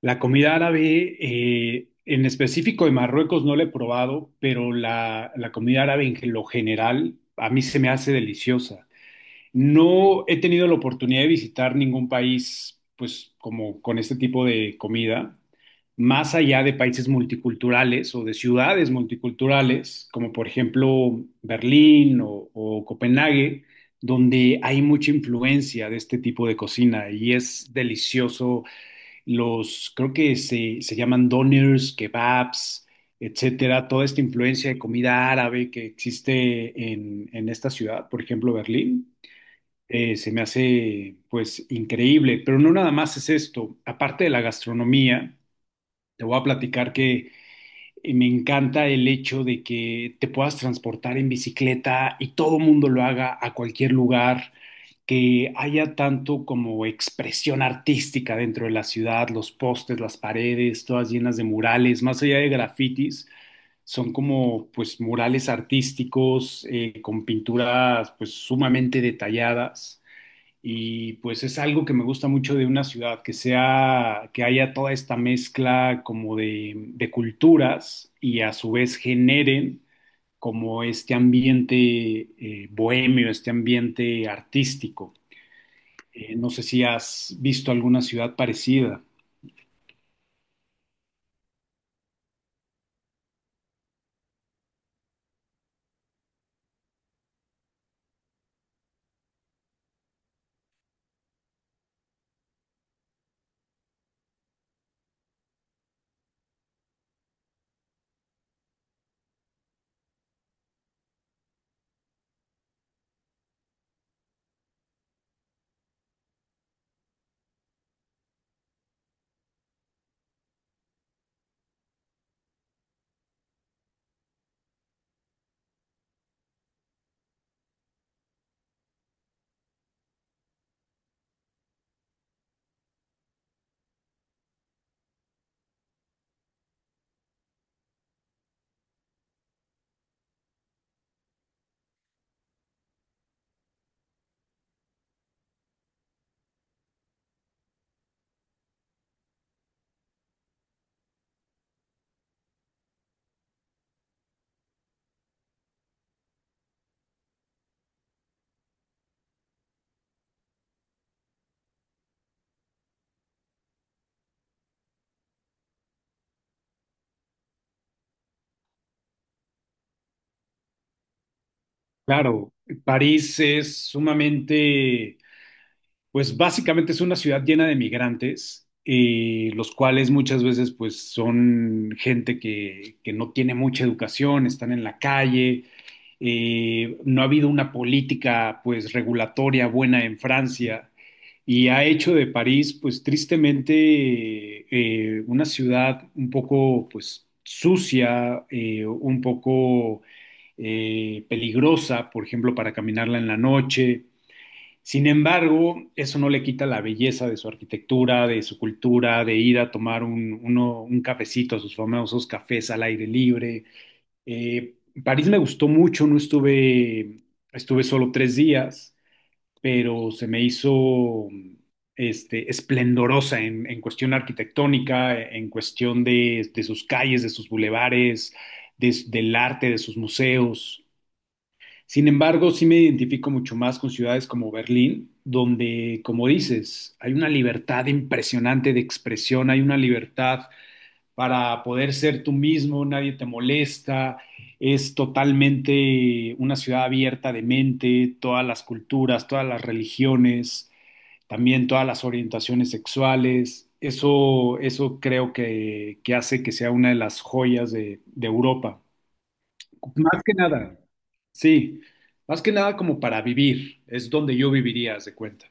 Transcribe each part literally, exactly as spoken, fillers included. La comida árabe, eh, en específico de Marruecos, no la he probado, pero la, la comida árabe en lo general a mí se me hace deliciosa. No he tenido la oportunidad de visitar ningún país, pues, como con este tipo de comida, más allá de países multiculturales o de ciudades multiculturales, como por ejemplo Berlín o, o Copenhague, donde hay mucha influencia de este tipo de cocina y es delicioso los, creo que se, se llaman doners, kebabs, etcétera, toda esta influencia de comida árabe que existe en, en esta ciudad, por ejemplo, Berlín, eh, se me hace pues increíble, pero no nada más es esto. Aparte de la gastronomía, te voy a platicar que eh, Me encanta el hecho de que te puedas transportar en bicicleta y todo mundo lo haga a cualquier lugar, que haya tanto como expresión artística dentro de la ciudad, los postes, las paredes, todas llenas de murales, más allá de grafitis, son como pues murales artísticos eh, con pinturas pues sumamente detalladas. Y pues es algo que me gusta mucho de una ciudad, que sea, que haya toda esta mezcla como de, de culturas y a su vez generen como este ambiente eh, bohemio, este ambiente artístico. Eh, no sé si has visto alguna ciudad parecida. Claro, París es sumamente. Pues básicamente es una ciudad llena de migrantes, eh, los cuales muchas veces pues son gente que, que no tiene mucha educación, están en la calle, eh, no ha habido una política pues regulatoria buena en Francia y ha hecho de París pues tristemente eh, una ciudad un poco pues sucia, eh, un poco eh, peligrosa, por ejemplo, para caminarla en la noche. Sin embargo, eso no le quita la belleza de su arquitectura, de su cultura, de ir a tomar un, uno- un cafecito, sus famosos cafés al aire libre. Eh, París me gustó mucho, no estuve, estuve solo tres días, pero se me hizo este, esplendorosa en, en cuestión arquitectónica, en cuestión de, de sus calles, de sus bulevares, de- del arte, de sus museos. Sin embargo, sí me identifico mucho más con ciudades como Berlín, donde, como dices, hay una libertad impresionante de expresión, hay una libertad para poder ser tú mismo, nadie te molesta, es totalmente una ciudad abierta de mente, todas las culturas, todas las religiones, también todas las orientaciones sexuales. Eso, eso creo que, que hace que sea una de las joyas de, de Europa. Más que nada, sí, más que nada como para vivir, es donde yo viviría, haz de cuenta.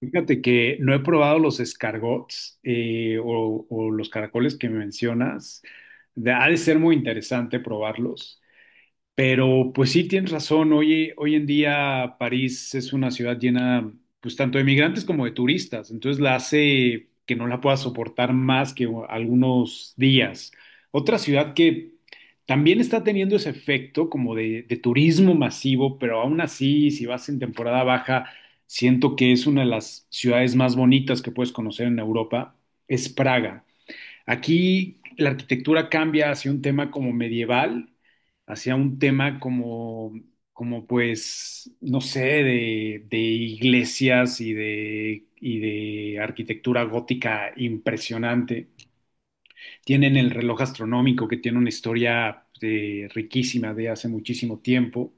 Fíjate que no he probado los escargots eh, o, o los caracoles que me mencionas. De- ha de ser muy interesante probarlos. Pero pues sí, tienes razón. Hoy, hoy en día París es una ciudad llena, pues tanto de migrantes como de turistas. Entonces la hace que no la pueda soportar más que algunos días. Otra ciudad que también está teniendo ese efecto como de, de turismo masivo, pero aún así, si vas en temporada baja, siento que es una de las ciudades más bonitas que puedes conocer en Europa, es Praga. Aquí la arquitectura cambia hacia un tema como medieval, hacia un tema como, como pues, no sé, de, de iglesias y de, y de arquitectura gótica impresionante. Tienen el reloj astronómico que tiene una historia eh, riquísima de hace muchísimo tiempo.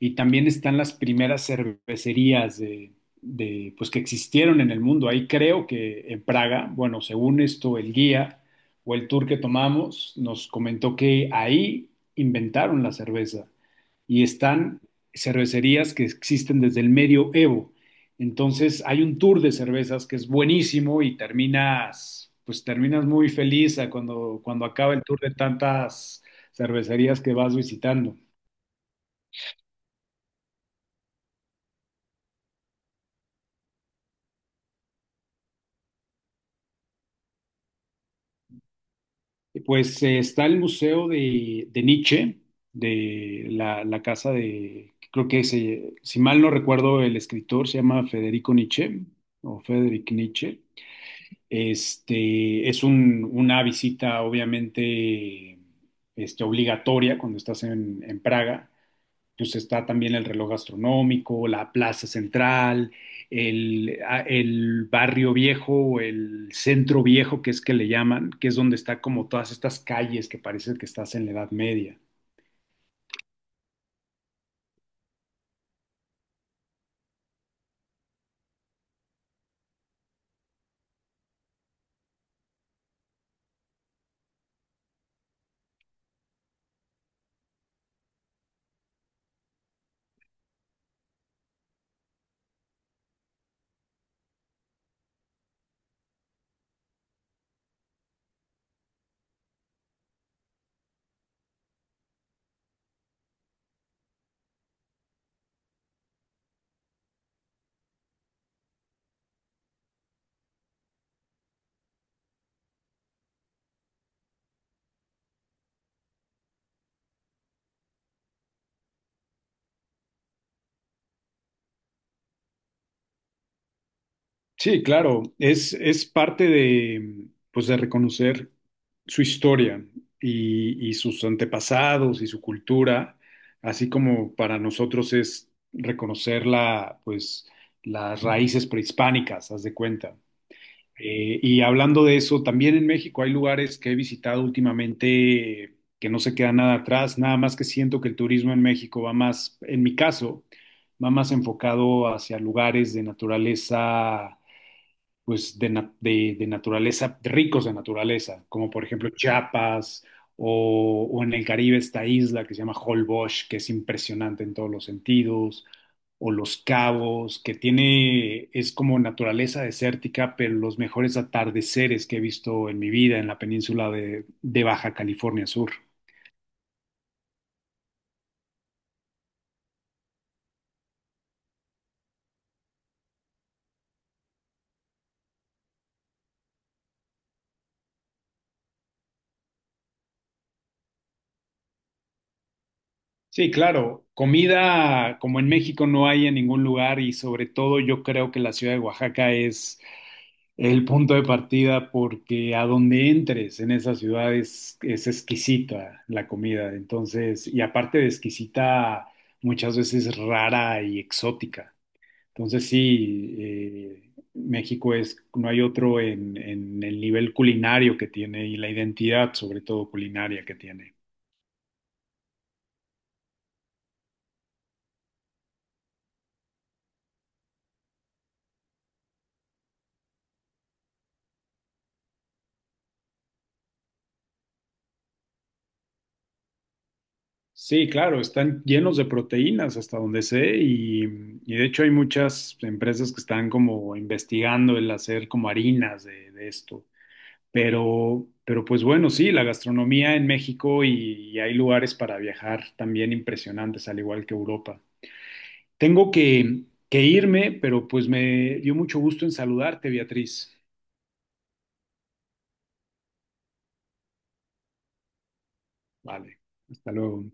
Y también están las primeras cervecerías de, de, pues, que existieron en el mundo. Ahí creo que en Praga, bueno, según esto, el guía o el tour que tomamos nos comentó que ahí inventaron la cerveza y están cervecerías que existen desde el medioevo. Entonces hay un tour de cervezas que es buenísimo y terminas, pues terminas muy feliz a cuando, cuando acaba el tour de tantas cervecerías que vas visitando. Pues eh, está el Museo de, de Nietzsche, de la, la casa de, creo que se- si mal no recuerdo, el escritor se llama Federico Nietzsche o Federic Nietzsche. Este, es un- una visita obviamente este, obligatoria cuando estás en, en Praga. Pues está también el reloj astronómico, la plaza central, el, a- el barrio viejo o el centro viejo, que es que le llaman, que es donde está como todas estas calles que parece que estás en la Edad Media. Sí, claro, es, es parte de, pues, de reconocer su historia y, y sus antepasados y su cultura, así como para nosotros es reconocer la, pues, las raíces prehispánicas, haz de cuenta. Eh, y hablando de eso, también en México hay lugares que he visitado últimamente que no se queda nada atrás, nada más que siento que el turismo en México va más, en mi caso, va más enfocado hacia lugares de naturaleza pues de, na- de- de naturaleza, ricos de naturaleza, como por ejemplo Chiapas o, o en el Caribe esta isla que se llama Holbox, que es impresionante en todos los sentidos, o Los Cabos, que tiene, es como naturaleza desértica, pero los mejores atardeceres que he visto en mi vida en la península de, de Baja California Sur. Sí, claro, comida como en México no hay en ningún lugar y sobre todo yo creo que la ciudad de Oaxaca es. Es el punto de partida porque a donde entres en esa ciudad es, es exquisita la comida. Entonces, y aparte de exquisita, muchas veces rara y exótica. Entonces, sí, eh, México es, no hay otro en, en el nivel culinario que tiene y la identidad, sobre todo culinaria, que tiene. Sí, claro, están llenos de proteínas hasta donde sé y, y de hecho hay muchas empresas que están como investigando el hacer como harinas de, de esto. Pero, pero pues bueno, sí, la gastronomía en México y, y hay lugares para viajar también impresionantes, al igual que Europa. Tengo que, que irme, pero pues me dio mucho gusto en saludarte, Beatriz. Vale, hasta luego.